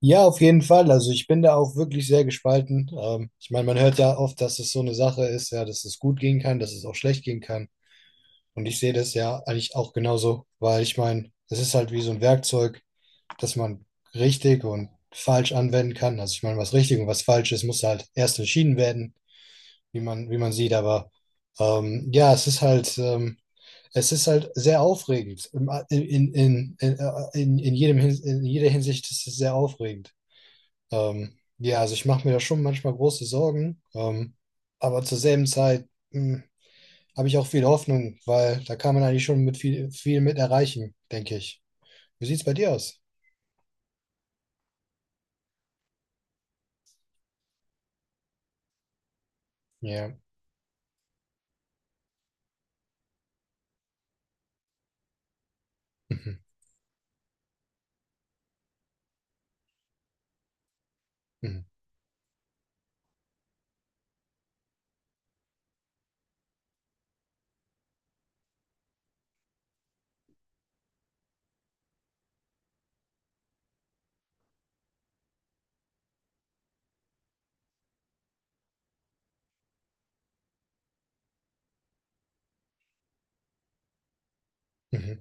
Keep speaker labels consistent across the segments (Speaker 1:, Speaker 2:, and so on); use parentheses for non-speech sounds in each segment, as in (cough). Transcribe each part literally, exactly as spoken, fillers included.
Speaker 1: Ja, auf jeden Fall. Also ich bin da auch wirklich sehr gespalten. Ähm, ich meine, man hört ja oft, dass es so eine Sache ist, ja, dass es gut gehen kann, dass es auch schlecht gehen kann. Und ich sehe das ja eigentlich auch genauso, weil ich meine, es ist halt wie so ein Werkzeug, das man richtig und falsch anwenden kann. Also ich meine, was richtig und was falsch ist, muss halt erst entschieden werden, wie man, wie man sieht. Aber ähm, ja, es ist halt, ähm, es ist halt sehr aufregend. Im- In, in, in, äh, in, in jedem, Hin- in jeder Hinsicht ist es sehr aufregend. Ähm, ja, also ich mache mir da schon manchmal große Sorgen, ähm, aber zur selben Zeit mh, habe ich auch viel Hoffnung, weil da kann man eigentlich schon mit viel, viel mit erreichen, denke ich. Wie sieht es bei dir aus? Ja. Mhm. Mhm. Mhm.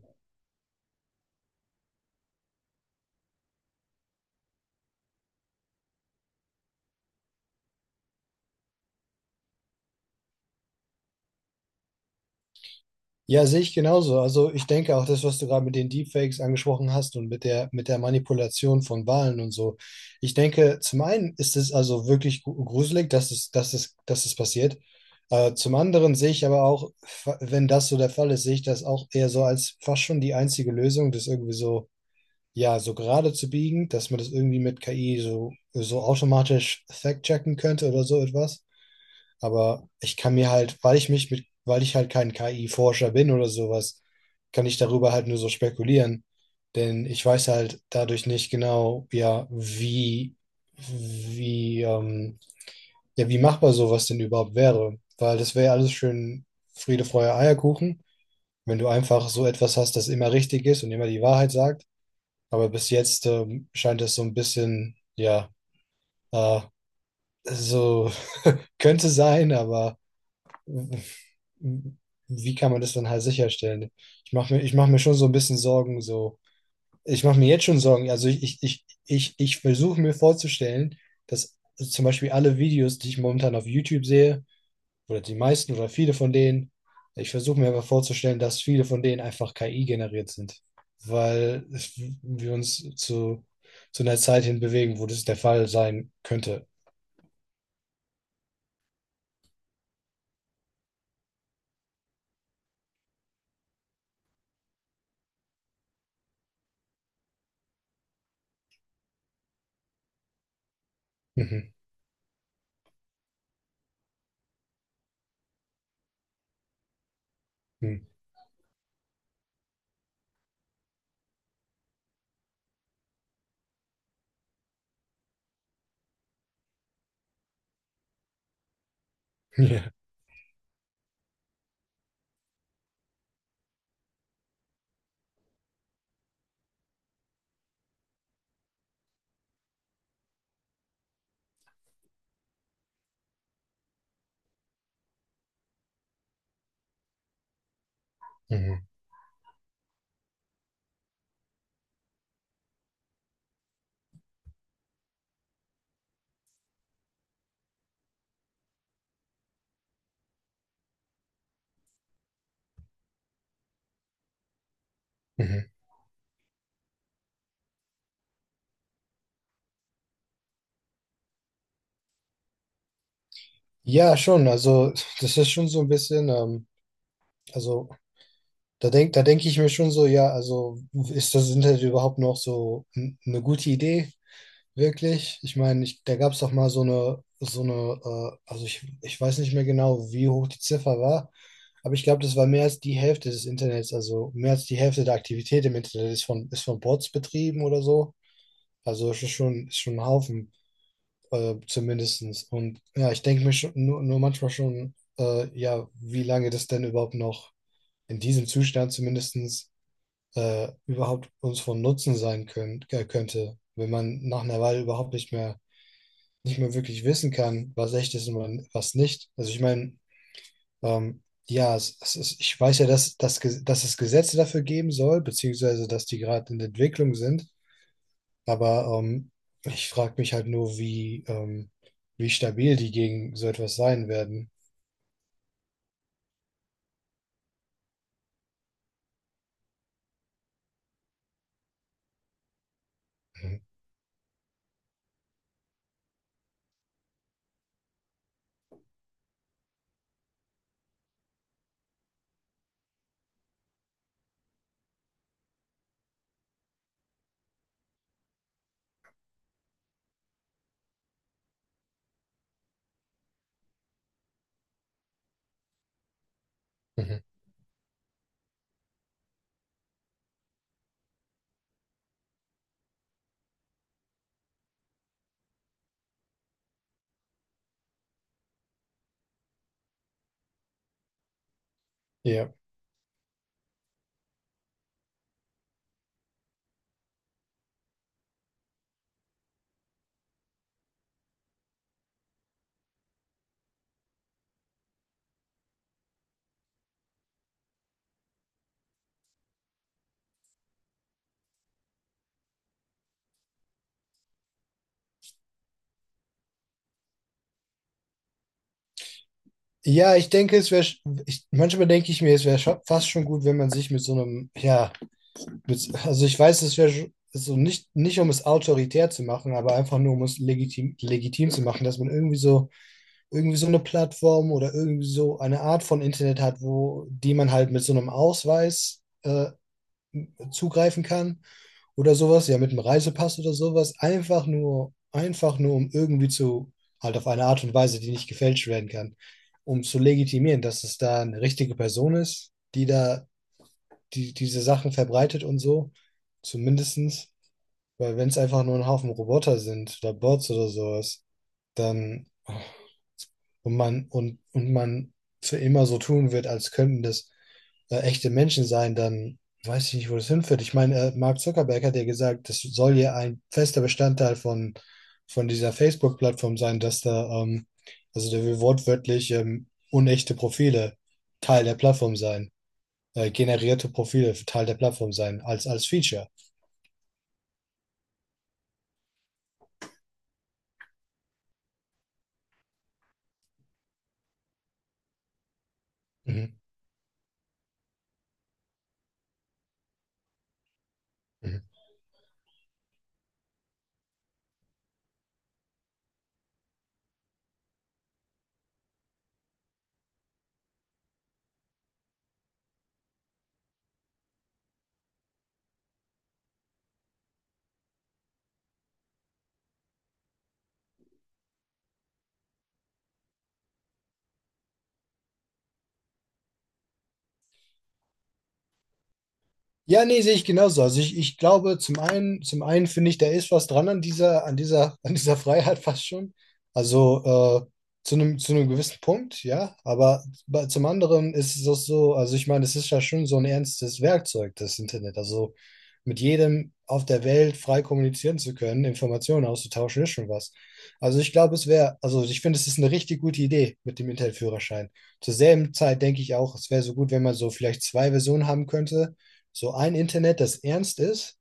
Speaker 1: Ja, sehe ich genauso. Also ich denke auch das, was du gerade mit den Deepfakes angesprochen hast und mit der, mit der Manipulation von Wahlen und so. Ich denke, zum einen ist es also wirklich gru- gruselig, dass es, dass es, dass es passiert. Äh, zum anderen sehe ich aber auch, fa- wenn das so der Fall ist, sehe ich das auch eher so als fast schon die einzige Lösung, das irgendwie so, ja, so gerade zu biegen, dass man das irgendwie mit K I so, so automatisch fact-checken könnte oder so etwas. Aber ich kann mir halt, weil ich mich mit, weil ich halt kein K I-Forscher bin oder sowas, kann ich darüber halt nur so spekulieren. Denn ich weiß halt dadurch nicht genau, ja, wie, wie, ähm, ja, wie machbar sowas denn überhaupt wäre. Weil das wäre alles schön Friede, Freude, Eierkuchen, wenn du einfach so etwas hast, das immer richtig ist und immer die Wahrheit sagt. Aber bis jetzt, ähm, scheint das so ein bisschen, ja, äh, so (laughs) könnte sein, aber wie kann man das dann halt sicherstellen? Ich mache mir, ich mach mir schon so ein bisschen Sorgen, so. Ich mache mir jetzt schon Sorgen. Also ich, ich, ich, ich, ich versuche mir vorzustellen, dass zum Beispiel alle Videos, die ich momentan auf YouTube sehe, oder die meisten oder viele von denen, ich versuche mir einfach vorzustellen, dass viele von denen einfach K I generiert sind. Weil wir uns zu, zu einer Zeit hin bewegen, wo das der Fall sein könnte. Mhm. Mhm. Ja. Mhm. Mhm. Ja, schon. Also das ist schon so ein bisschen. Ähm, Also da denk, da denke ich mir schon so, ja, also ist das Internet überhaupt noch so n- eine gute Idee, wirklich? Ich meine, ich, da gab es doch mal so eine, so eine, äh, also ich, ich weiß nicht mehr genau, wie hoch die Ziffer war, aber ich glaube, das war mehr als die Hälfte des Internets, also mehr als die Hälfte der Aktivität im Internet ist von, ist von Bots betrieben oder so. Also es ist schon, ist schon ein Haufen, äh, zumindestens. Und ja, ich denke mir schon, nur, nur manchmal schon, äh, ja, wie lange das denn überhaupt noch in diesem Zustand zumindestens äh, überhaupt uns von Nutzen sein können, äh, könnte, wenn man nach einer Weile überhaupt nicht mehr, nicht mehr wirklich wissen kann, was echt ist und wann- was nicht. Also ich meine, ähm, ja, es, es ist, ich weiß ja, dass, dass, Ge- dass es Gesetze dafür geben soll, beziehungsweise dass die gerade in der Entwicklung sind, aber ähm, ich frage mich halt nur, wie, ähm, wie stabil die gegen so etwas sein werden. Mhm. Mhm. Ja. Ja, ich denke, es wäre, ich, manchmal denke ich mir, es wäre scho- fast schon gut, wenn man sich mit so einem, ja, mit, also ich weiß, es wäre so nicht, nicht um es autoritär zu machen, aber einfach nur um es legitim, legitim zu machen, dass man irgendwie so, irgendwie so eine Plattform oder irgendwie so eine Art von Internet hat, wo, die man halt mit so einem Ausweis, äh, zugreifen kann oder sowas, ja, mit einem Reisepass oder sowas, einfach nur, einfach nur, um irgendwie zu, halt auf eine Art und Weise, die nicht gefälscht werden kann, um zu legitimieren, dass es da eine richtige Person ist, die da die, diese Sachen verbreitet und so, zumindestens, weil wenn es einfach nur ein Haufen Roboter sind oder Bots oder sowas, dann und man und, und man für immer so tun wird, als könnten das äh, echte Menschen sein, dann weiß ich nicht, wo das hinführt. Ich meine, äh, Mark Zuckerberg hat ja gesagt, das soll ja ein fester Bestandteil von, von dieser Facebook-Plattform sein, dass da, ähm, also der will wortwörtlich ähm, unechte Profile Teil der Plattform sein, äh, generierte Profile Teil der Plattform sein, als, als Feature. Mhm. Mhm. Ja, nee, sehe ich genauso. Also ich, ich glaube, zum einen, zum einen finde ich, da ist was dran an dieser, an dieser, (laughs) an dieser Freiheit fast schon. Also äh, zu einem, zu einem gewissen Punkt, ja. Aber bei- zum anderen ist es auch so, also ich meine, es ist ja schon so ein ernstes Werkzeug, das Internet. Also mit jedem auf der Welt frei kommunizieren zu können, Informationen auszutauschen, ist schon was. Also ich glaube, es wäre, also ich finde, es ist eine richtig gute Idee mit dem Internetführerschein. Zur selben Zeit denke ich auch, es wäre so gut, wenn man so vielleicht zwei Versionen haben könnte so ein Internet, das ernst ist,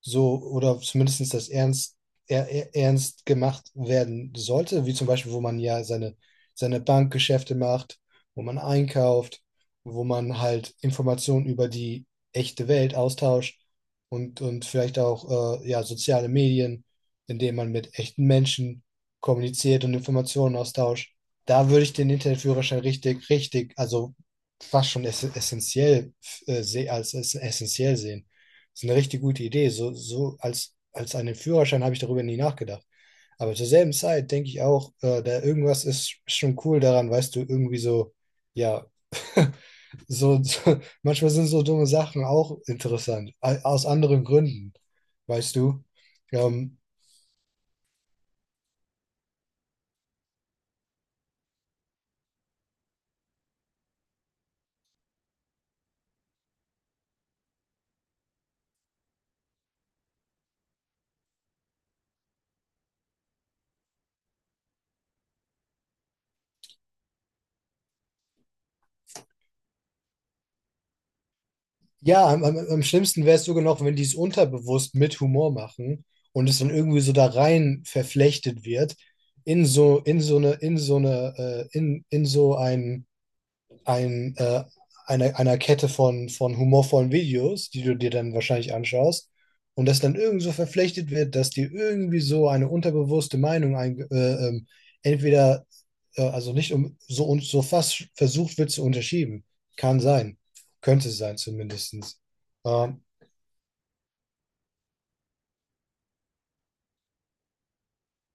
Speaker 1: so oder zumindest das ernst, er, er, ernst gemacht werden sollte, wie zum Beispiel, wo man ja seine, seine Bankgeschäfte macht, wo man einkauft, wo man halt Informationen über die echte Welt austauscht und, und vielleicht auch äh, ja, soziale Medien, indem man mit echten Menschen kommuniziert und Informationen austauscht. Da würde ich den Internetführerschein richtig, richtig, also fast schon ess- essentiell äh, se- als ess- essentiell sehen. Das ist eine richtig gute Idee. So, so als, als einen Führerschein habe ich darüber nie nachgedacht. Aber zur selben Zeit denke ich auch, äh, da irgendwas ist schon cool daran, weißt du, irgendwie so, ja, so, (laughs) so manchmal sind so dumme Sachen auch interessant, a- aus anderen Gründen, weißt du. Ähm, ja, am, am, am schlimmsten wäre es sogar noch, wenn die es unterbewusst mit Humor machen und es dann irgendwie so da rein verflechtet wird in so, in so eine, in so eine, äh, in, in so ein ein, äh, einer, einer Kette von, von humorvollen Videos, die du dir dann wahrscheinlich anschaust, und das dann irgend so verflechtet wird, dass dir irgendwie so eine unterbewusste Meinung ein, äh, ähm, entweder, äh, also nicht um so und so fast versucht wird zu unterschieben. Kann sein. Könnte sein zumindest.